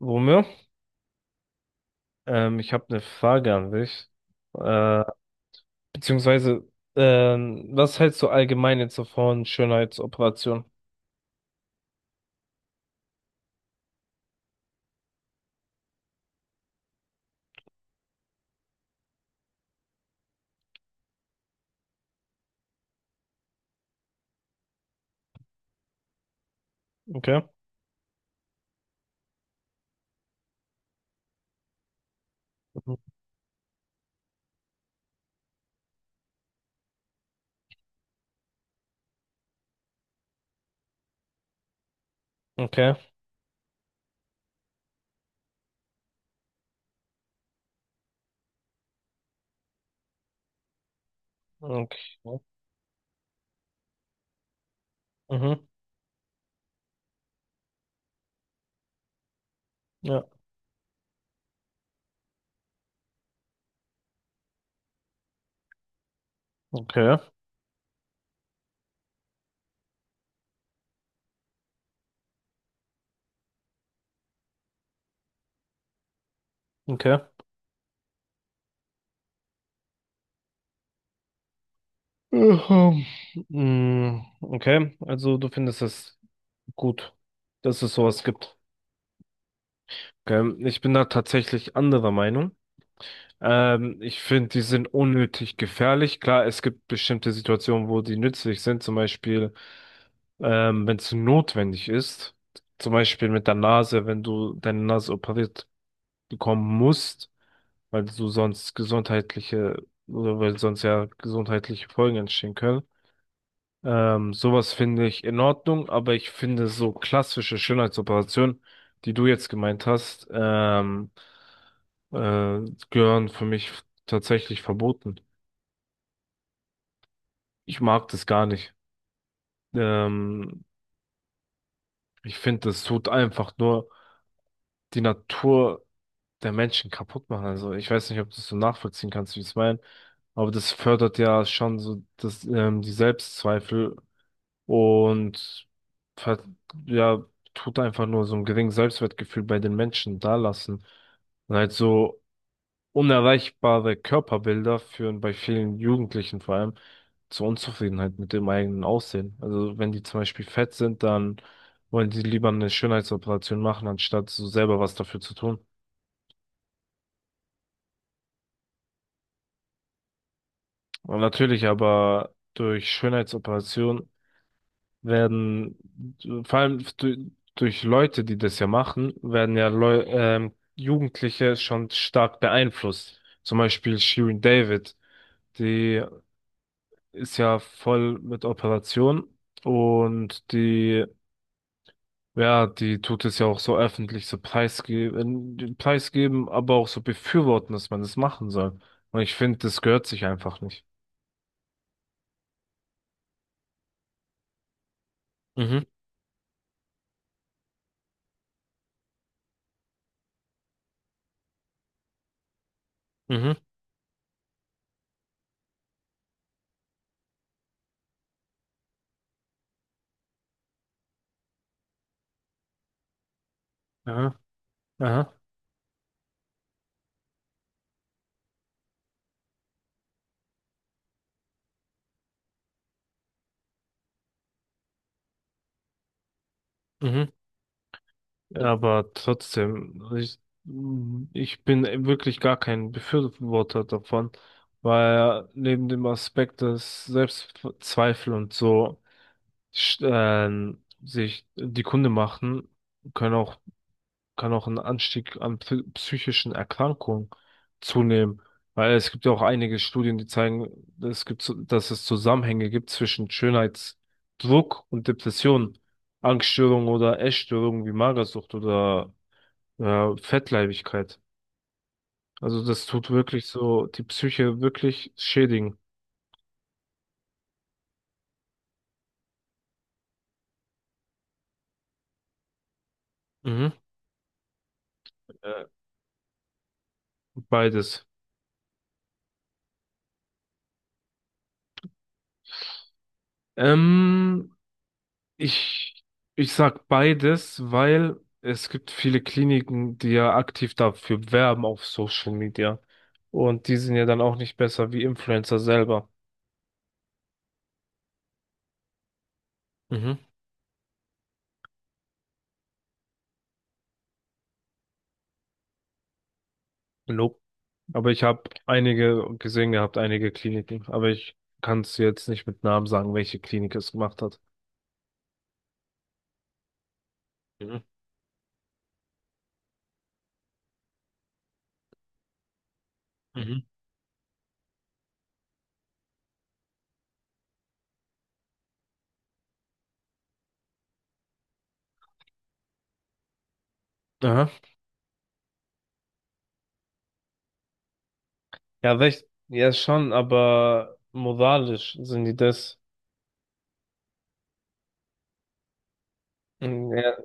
Romeo, ich habe eine Frage an dich. Äh, Beziehungsweise, was hältst du allgemein jetzt so von Schönheitsoperationen? Okay. Mhm. Okay. Okay. Mhm. Ja. Okay. Okay. Mhm. Mm, okay. Also du findest es gut, dass es sowas gibt. Okay. Ich bin da tatsächlich anderer Meinung. Ich finde, die sind unnötig gefährlich. Klar, es gibt bestimmte Situationen, wo die nützlich sind. Zum Beispiel, wenn es notwendig ist. Zum Beispiel mit der Nase, wenn du deine Nase operiert bekommen musst, weil du sonst gesundheitliche oder weil sonst ja gesundheitliche Folgen entstehen können. Sowas finde ich in Ordnung, aber ich finde so klassische Schönheitsoperationen, die du jetzt gemeint hast, äh, gehören für mich tatsächlich verboten. Ich mag das gar nicht. Ähm, Ich finde, das tut einfach nur die Natur der Menschen kaputt machen. Also ich weiß nicht, ob du es so nachvollziehen kannst, wie ich es meine, aber das fördert ja schon so das, die Selbstzweifel und ver- ja, tut einfach nur so ein geringes Selbstwertgefühl bei den Menschen dalassen. Und halt so unerreichbare Körperbilder führen bei vielen Jugendlichen vor allem zur Unzufriedenheit mit dem eigenen Aussehen. Also wenn die zum Beispiel fett sind, dann wollen die lieber eine Schönheitsoperation machen, anstatt so selber was dafür zu tun. Und natürlich aber durch Schönheitsoperationen werden, vor allem durch Leute, die das ja machen, werden ja Leu Jugendliche schon stark beeinflusst. Zum Beispiel Shirin David, die ist ja voll mit Operation und die, ja, die tut es ja auch so öffentlich so preisgeben, preisgeben, aber auch so befürworten, dass man das machen soll. Und ich finde, das gehört sich einfach nicht. Mhm, mhm, aha, aha, mhm. Ja, aber trotzdem, ich bin wirklich gar kein Befürworter davon, weil neben dem Aspekt, dass Selbstzweifel und so sich die Kunde machen, können auch, kann auch ein Anstieg an psychischen Erkrankungen zunehmen. Weil es gibt ja auch einige Studien, die zeigen, dass es Zusammenhänge gibt zwischen Schönheitsdruck und Depressionen. Angststörungen oder Essstörungen wie Magersucht oder ja, Fettleibigkeit. Also das tut wirklich so die Psyche wirklich schädigen. Mhm. Äh, Beides. Ähm, ich, ich sag beides, weil es gibt viele Kliniken, die ja aktiv dafür werben auf Social Media. Und die sind ja dann auch nicht besser wie Influencer selber. Mhm. Nope. Aber ich habe einige gesehen gehabt, einige Kliniken. Aber ich kann es jetzt nicht mit Namen sagen, welche Klinik es gemacht hat. Mhm. Mhm. Aha. Ja, recht, ja schon, aber moralisch sind die das. Mhm, ja,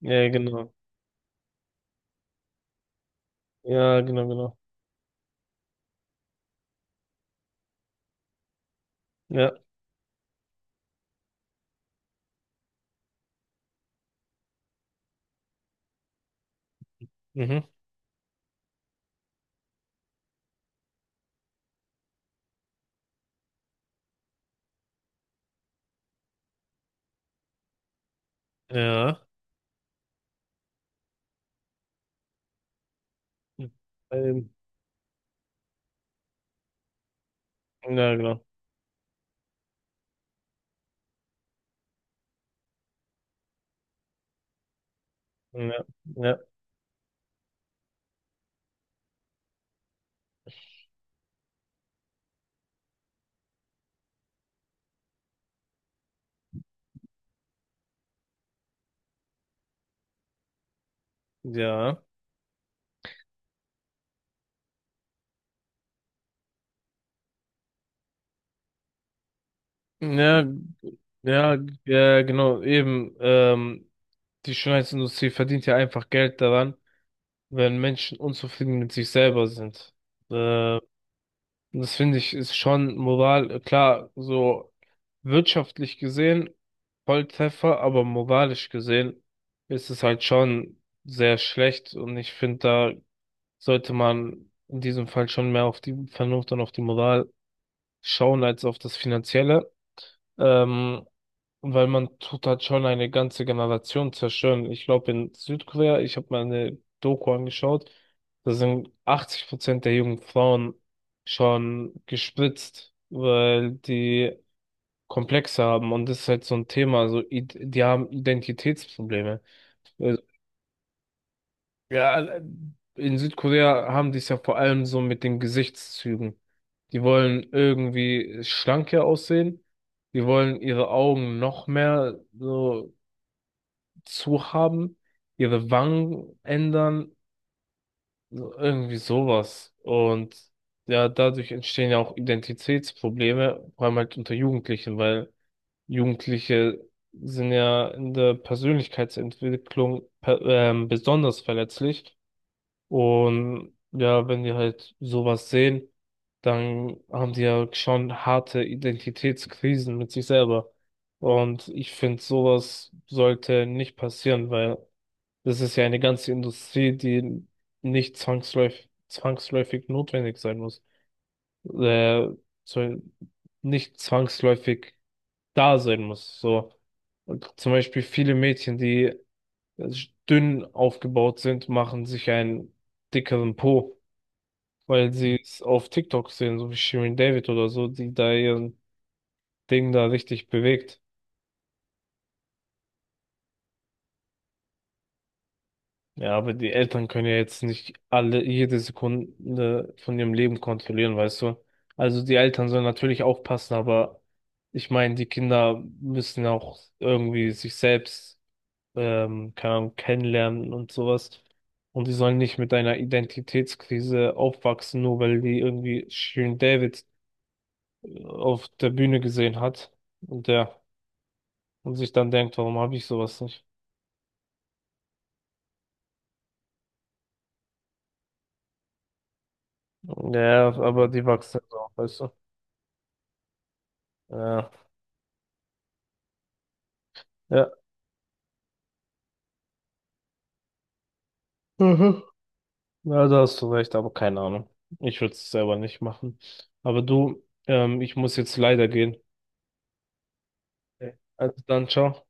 ja, genau. Ja, genau, genau. Ja, mhm. Ja. Ähm, ja, genau. Ja, ja, ja. Ja, ja, ja, genau, eben. Die Schönheitsindustrie verdient ja einfach Geld daran, wenn Menschen unzufrieden mit sich selber sind. Äh, Das finde ich ist schon klar, so wirtschaftlich gesehen Volltreffer, aber moralisch gesehen ist es halt schon sehr schlecht und ich finde, da sollte man in diesem Fall schon mehr auf die Vernunft und auf die Moral schauen als auf das Finanzielle. Ähm, Weil man tut halt schon eine ganze Generation zerstören. Ich glaube, in Südkorea, ich habe mal eine Doku angeschaut, da sind 80% der jungen Frauen schon gespritzt, weil die Komplexe haben und das ist halt so ein Thema. Also, die haben Identitätsprobleme. Äh, ja, also, in Südkorea haben die es ja vor allem so mit den Gesichtszügen. Die wollen irgendwie schlanker aussehen. Die wollen ihre Augen noch mehr so zu haben, ihre Wangen ändern, so irgendwie sowas. Und ja, dadurch entstehen ja auch Identitätsprobleme, vor allem halt unter Jugendlichen, weil Jugendliche sind ja in der Persönlichkeitsentwicklung besonders verletzlich. Und ja, wenn die halt sowas sehen, dann haben die ja schon harte Identitätskrisen mit sich selber. Und ich finde, sowas sollte nicht passieren, weil das ist ja eine ganze Industrie, die nicht zwangsläufig notwendig sein muss. Äh, Soll nicht zwangsläufig da sein muss. So. Und zum Beispiel viele Mädchen, die äh, dünn aufgebaut sind, machen sich einen dickeren Po weil sie es auf TikTok sehen, so wie Shirin David oder so, die da ihr Ding da richtig bewegt. Ja, aber die Eltern können ja jetzt nicht alle, jede Sekunde von ihrem Leben kontrollieren, weißt du? Also die Eltern sollen natürlich aufpassen, aber ich meine, die Kinder müssen auch irgendwie sich selbst, keine Ahnung, kennenlernen und sowas. Und die sollen nicht mit einer Identitätskrise aufwachsen, nur weil die irgendwie Shirin David auf der Bühne gesehen hat. Und ja. Und sich dann denkt, warum habe ich sowas nicht? Ja, aber die wachsen ja auch, weißt du? Ja, ja. Mhm. Ja, da hast du recht, aber keine Ahnung. Ich würde es selber nicht machen. Aber du, ich muss jetzt leider gehen. Okay. Also dann, ciao.